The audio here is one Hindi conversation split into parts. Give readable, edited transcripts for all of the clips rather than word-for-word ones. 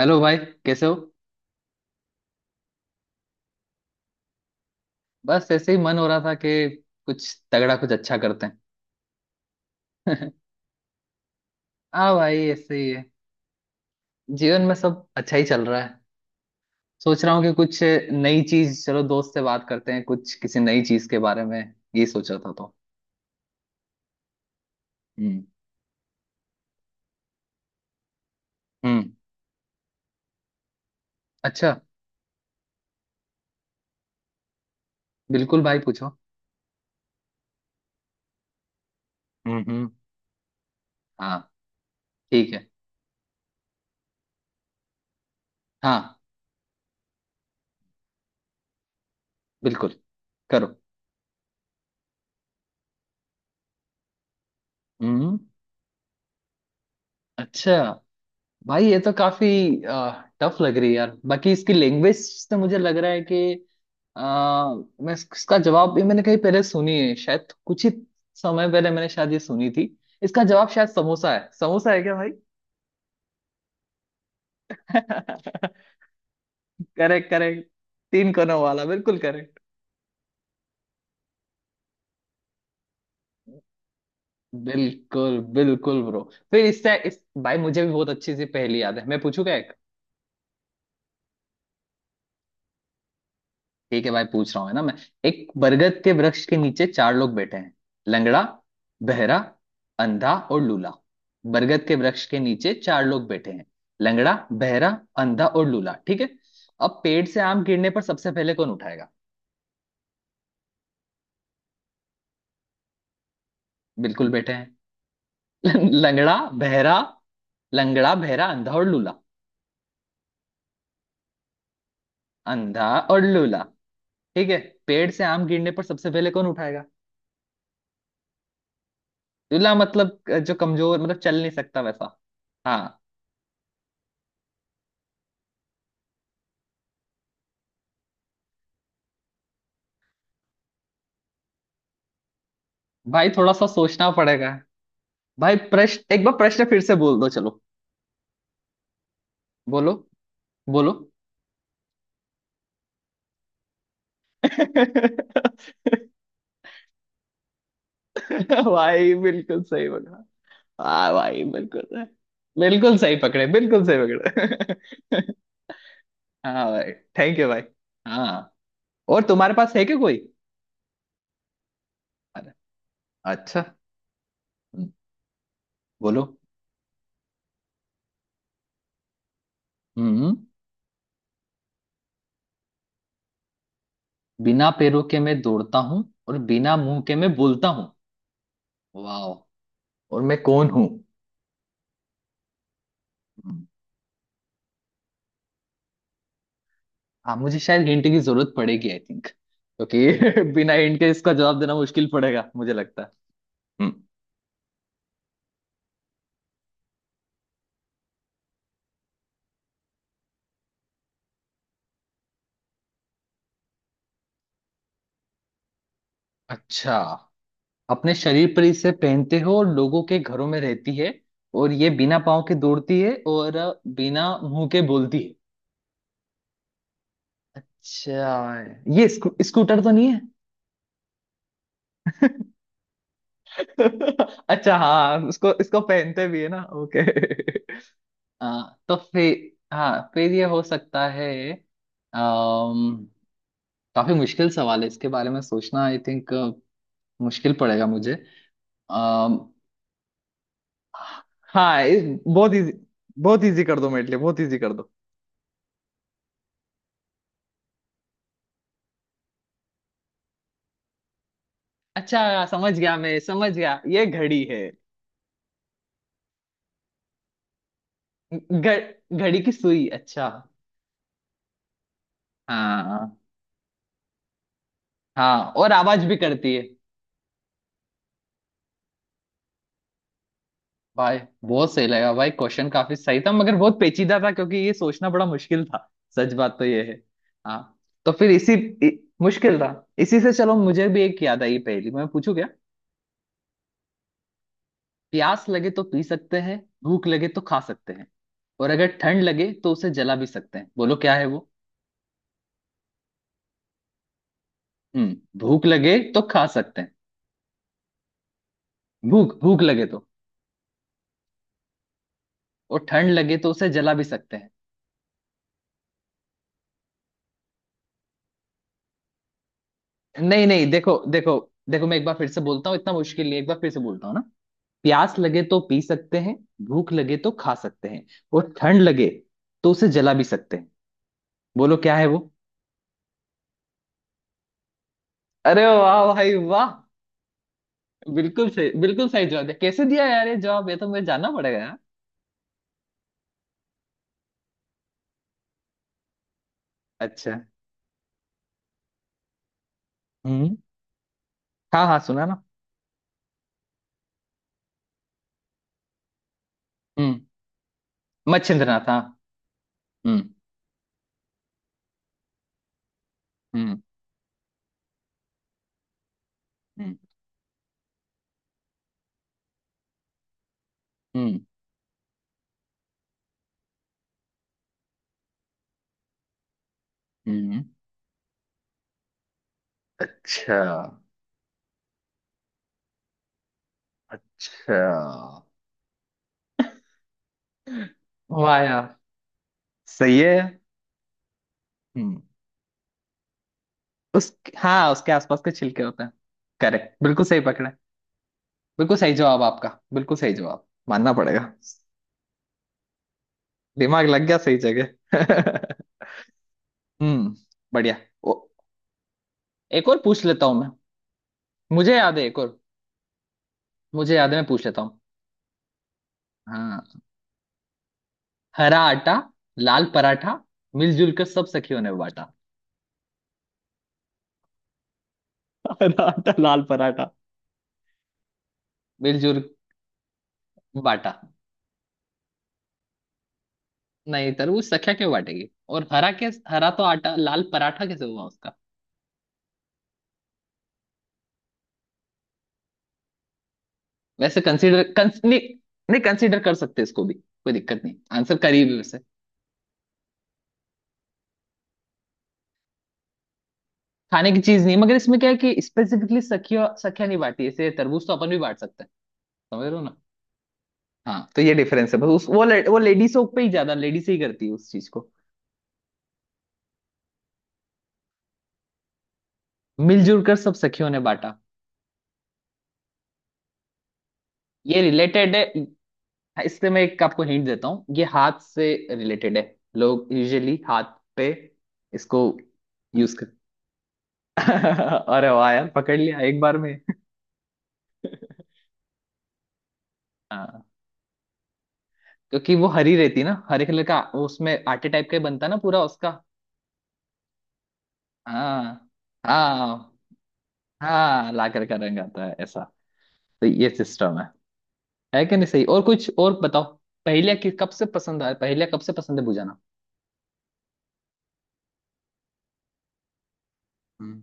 हेलो भाई। कैसे हो? बस ऐसे ही मन हो रहा था कि कुछ तगड़ा, कुछ अच्छा करते हैं। हाँ भाई, ऐसे ही है। जीवन में सब अच्छा ही चल रहा है। सोच रहा हूँ कि कुछ नई चीज, चलो दोस्त से बात करते हैं कुछ किसी नई चीज के बारे में, ये सोचा था तो। हम्म। हम्म। अच्छा। बिल्कुल भाई, पूछो। हम्म। हम्म। हाँ, ठीक है। हाँ, बिल्कुल, करो। हम्म। अच्छा। भाई, ये तो काफी टफ लग रही है यार। बाकी इसकी लैंग्वेज से मुझे लग रहा है कि अ, मैं इसका जवाब भी मैंने कहीं पहले सुनी है, शायद कुछ ही समय पहले मैंने शायद ये सुनी थी। इसका जवाब शायद समोसा है। समोसा है क्या भाई? Correct, correct. तीन कोनों वाला, बिल्कुल करेक्ट। बिल्कुल, बिल्कुल ब्रो। फिर इससे इस भाई, मुझे भी बहुत अच्छी सी पहेली याद है, मैं पूछू क्या? ठीक है भाई, पूछ रहा हूँ है ना मैं। एक बरगद के वृक्ष के नीचे चार लोग बैठे हैं। लंगड़ा, बहरा, अंधा और लूला। बरगद के वृक्ष के नीचे चार लोग बैठे हैं। लंगड़ा, बहरा, अंधा और लूला, ठीक है। अब पेड़ से आम गिरने पर सबसे पहले कौन उठाएगा? बिल्कुल, बैठे हैं। लंगड़ा, बहरा, लंगड़ा, बहरा, अंधा और लूला। अंधा और लूला, ठीक है। पेड़ से आम गिरने पर सबसे पहले कौन उठाएगा? लूला मतलब जो कमजोर, मतलब चल नहीं सकता वैसा। हाँ भाई, थोड़ा सा सोचना पड़ेगा। भाई, प्रश्न एक बार, प्रश्न फिर से बोल दो चलो। बोलो। बोलो। भाई, बिल्कुल सही पकड़ा। हाँ भाई, बिल्कुल सही। बिल्कुल सही पकड़े, बिल्कुल सही पकड़े। हाँ भाई, थैंक यू भाई। हाँ, और तुम्हारे पास है क्या कोई? अरे, अच्छा। हम्म, बोलो। हम्म। बिना पैरों के मैं दौड़ता हूँ और बिना मुंह के मैं बोलता हूँ। वाह, और मैं कौन हूँ? हाँ, मुझे शायद हिंट की जरूरत पड़ेगी आई थिंक, क्योंकि बिना हिंट के इसका जवाब देना मुश्किल पड़ेगा मुझे लगता है। हम्म, अच्छा। अपने शरीर पर इसे पहनते हो, और लोगों के घरों में रहती है। और ये बिना पाँव के दौड़ती है, और बिना मुंह के बोलती है। अच्छा, ये स्कूटर तो नहीं है? अच्छा, हाँ, उसको इसको पहनते भी है ना, ओके। हाँ तो फिर, हाँ फिर ये हो सकता है। अम्म काफी मुश्किल सवाल है इसके बारे में सोचना आई थिंक। मुश्किल पड़ेगा मुझे। अम, हाँ, बहुत इजी, बहुत इजी कर दो मेरे लिए, बहुत इजी कर दो। अच्छा, समझ गया, मैं समझ गया, ये घड़ी है। घ- घड़ी की सुई, अच्छा। हाँ। हाँ, और आवाज भी करती है। भाई, बहुत सही लगा भाई, क्वेश्चन काफी सही था, मगर बहुत पेचीदा था क्योंकि ये सोचना बड़ा मुश्किल था। सच बात तो ये है। हाँ तो फिर इसी मुश्किल था। इसी से चलो, मुझे भी एक याद आई पहेली, मैं पूछू क्या? प्यास लगे तो पी सकते हैं। भूख लगे तो खा सकते हैं। और अगर ठंड लगे तो उसे जला भी सकते हैं। बोलो क्या है वो? हम्म, भूख लगे तो खा सकते हैं, भूख भूख लगे तो, और ठंड लगे तो उसे जला भी सकते हैं। नहीं, नहीं, देखो, देखो, देखो, मैं एक बार फिर से बोलता हूँ, इतना मुश्किल नहीं है, एक बार फिर से बोलता हूँ ना। प्यास लगे तो पी सकते हैं। भूख लगे तो खा सकते हैं। और ठंड लगे तो उसे जला भी सकते हैं। बोलो क्या है वो? अरे वाह भाई वाह। बिल्कुल सही, बिल्कुल सही जवाब है। कैसे दिया यार ये जवाब, ये तो मुझे जानना पड़ेगा यार। अच्छा। हम्म। हाँ, हाँ सुना ना। हम्म। मच्छिंद्रनाथ, हाँ। हम्म। हम्म। हम्म। हम्म। हम्म। अच्छा। अच्छा। वाह यार, सही है। हम्म, उस, हाँ, उसके आसपास के छिलके होते हैं। करेक्ट, बिल्कुल सही पकड़े। बिल्कुल सही जवाब आपका, बिल्कुल सही जवाब मानना पड़ेगा। दिमाग लग गया सही जगह। हम्म, बढ़िया। ओ, एक और पूछ लेता हूँ मैं। मुझे याद है एक और। मुझे याद है, मैं पूछ लेता हूँ। हाँ। हरा आटा, लाल पराठा, मिलजुल कर सब सखियों ने बांटा। हरा आटा, लाल पराठा, मिलजुल बांटा। नहीं, तरबूज सखिया क्यों बांटेगी? और हरा के हरा तो आटा, लाल पराठा कैसे हुआ उसका? वैसे कंसीडर, नहीं। नहीं, कंसीडर कर सकते इसको भी, कोई दिक्कत नहीं, आंसर करीब है वैसे। खाने की चीज नहीं, मगर इसमें क्या है कि स्पेसिफिकली सखिया, सखिया नहीं बांटी, ऐसे तरबूज तो अपन भी बांट सकते हैं। समझ रहे हो ना? हाँ, तो ये डिफरेंस है बस, उस, वो वो लेडीज पे ही ज्यादा, लेडीज ही करती है उस चीज को। मिलजुल कर सब सखियों ने बांटा। ये रिलेटेड है, इससे मैं एक आपको हिंट देता हूँ। ये हाथ से रिलेटेड है। लोग यूजुअली हाथ पे इसको यूज कर। अरे वाह यार, पकड़ लिया एक बार में। हाँ। क्योंकि वो हरी रहती है ना, हरे कलर का वो, उसमें आटे टाइप का ही बनता है ना पूरा उसका। हाँ। हाँ। हाँ, लाकर का रंग आता है ऐसा। तो ये सिस्टम है। है कि नहीं सही? और कुछ और बताओ। पहले कि कब से पसंद है, पहले कब से पसंद है बुझाना? हम्म।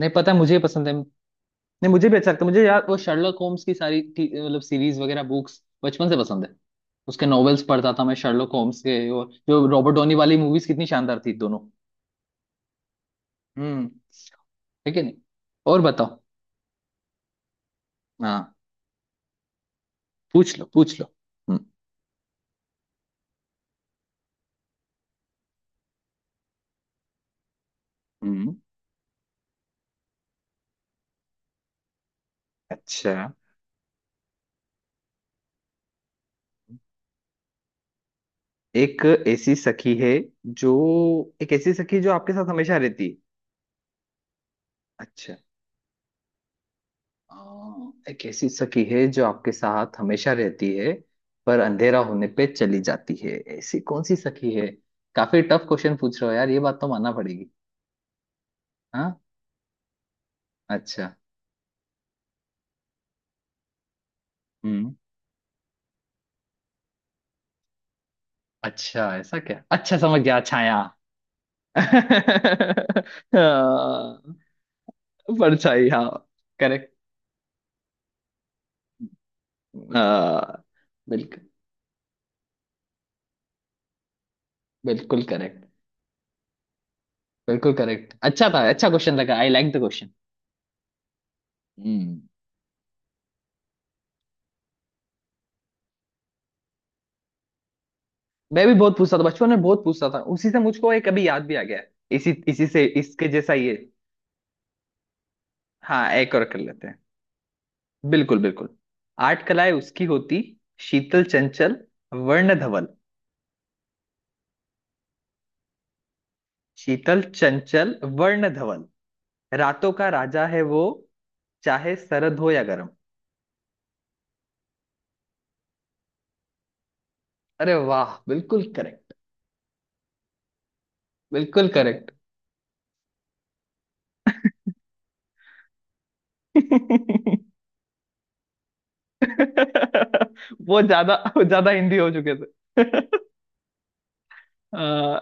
नहीं पता मुझे ही पसंद है। नहीं, मुझे भी अच्छा लगता है मुझे यार। वो शर्लक होम्स की सारी मतलब सीरीज वगैरह बुक्स बचपन से पसंद है। उसके नॉवेल्स पढ़ता था मैं शर्लक होम्स के, और जो रॉबर्ट डॉनी वाली मूवीज कितनी शानदार थी दोनों। हम्म। ठीक है। नहीं, और बताओ। हाँ, पूछ लो, पूछ लो। हम्म। हम्म। अच्छा। एक ऐसी सखी है जो एक ऐसी सखी जो आपके साथ हमेशा रहती है। अच्छा, हाँ, एक ऐसी सखी है जो आपके साथ हमेशा रहती है, पर अंधेरा होने पे चली जाती है। ऐसी कौन सी सखी है? काफी टफ क्वेश्चन पूछ रहे हो यार, ये बात तो मानना पड़ेगी। हाँ। अच्छा। हम्म। अच्छा, ऐसा क्या? अच्छा, समझ गया, छाया। हाँ, परछाई, हाँ। करेक्ट। हाँ, बिल्कुल, बिल्कुल करेक्ट। बिल्कुल करेक्ट, अच्छा था, अच्छा क्वेश्चन लगा, I like the question. Hmm. मैं भी बहुत पूछता था बचपन में, बहुत पूछता था, उसी से मुझको एक अभी याद भी आ गया है। इसी इसी से, इसके जैसा ये। हाँ, एक और कर लेते हैं। बिल्कुल, बिल्कुल। आठ कलाएं उसकी होती, शीतल चंचल, वर्ण धवल, शीतल चंचल, वर्ण धवल, रातों का राजा है वो, चाहे सरद हो या गर्म। अरे वाह, बिल्कुल करेक्ट। बिल्कुल करेक्ट। वो ज्यादा हिंदी हो चुके थे। अ,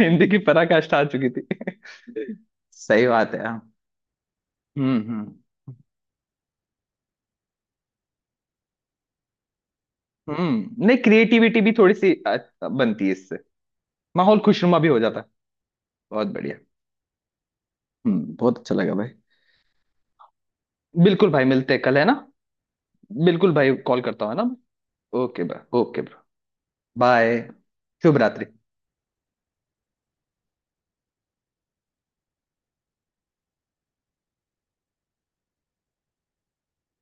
हिंदी की पराकाष्ठा आ चुकी थी। सही बात है हाँ। हम्म। हम्म। हम्म। नहीं, क्रिएटिविटी भी थोड़ी सी बनती है इससे। माहौल खुशनुमा भी हो जाता है। बहुत बढ़िया। हम्म, बहुत अच्छा लगा भाई। बिल्कुल भाई, मिलते हैं कल, है ना? बिल्कुल भाई, कॉल करता हूँ, है ना? ओके भाई, ओके ब्रो, बाय। शुभ रात्रि।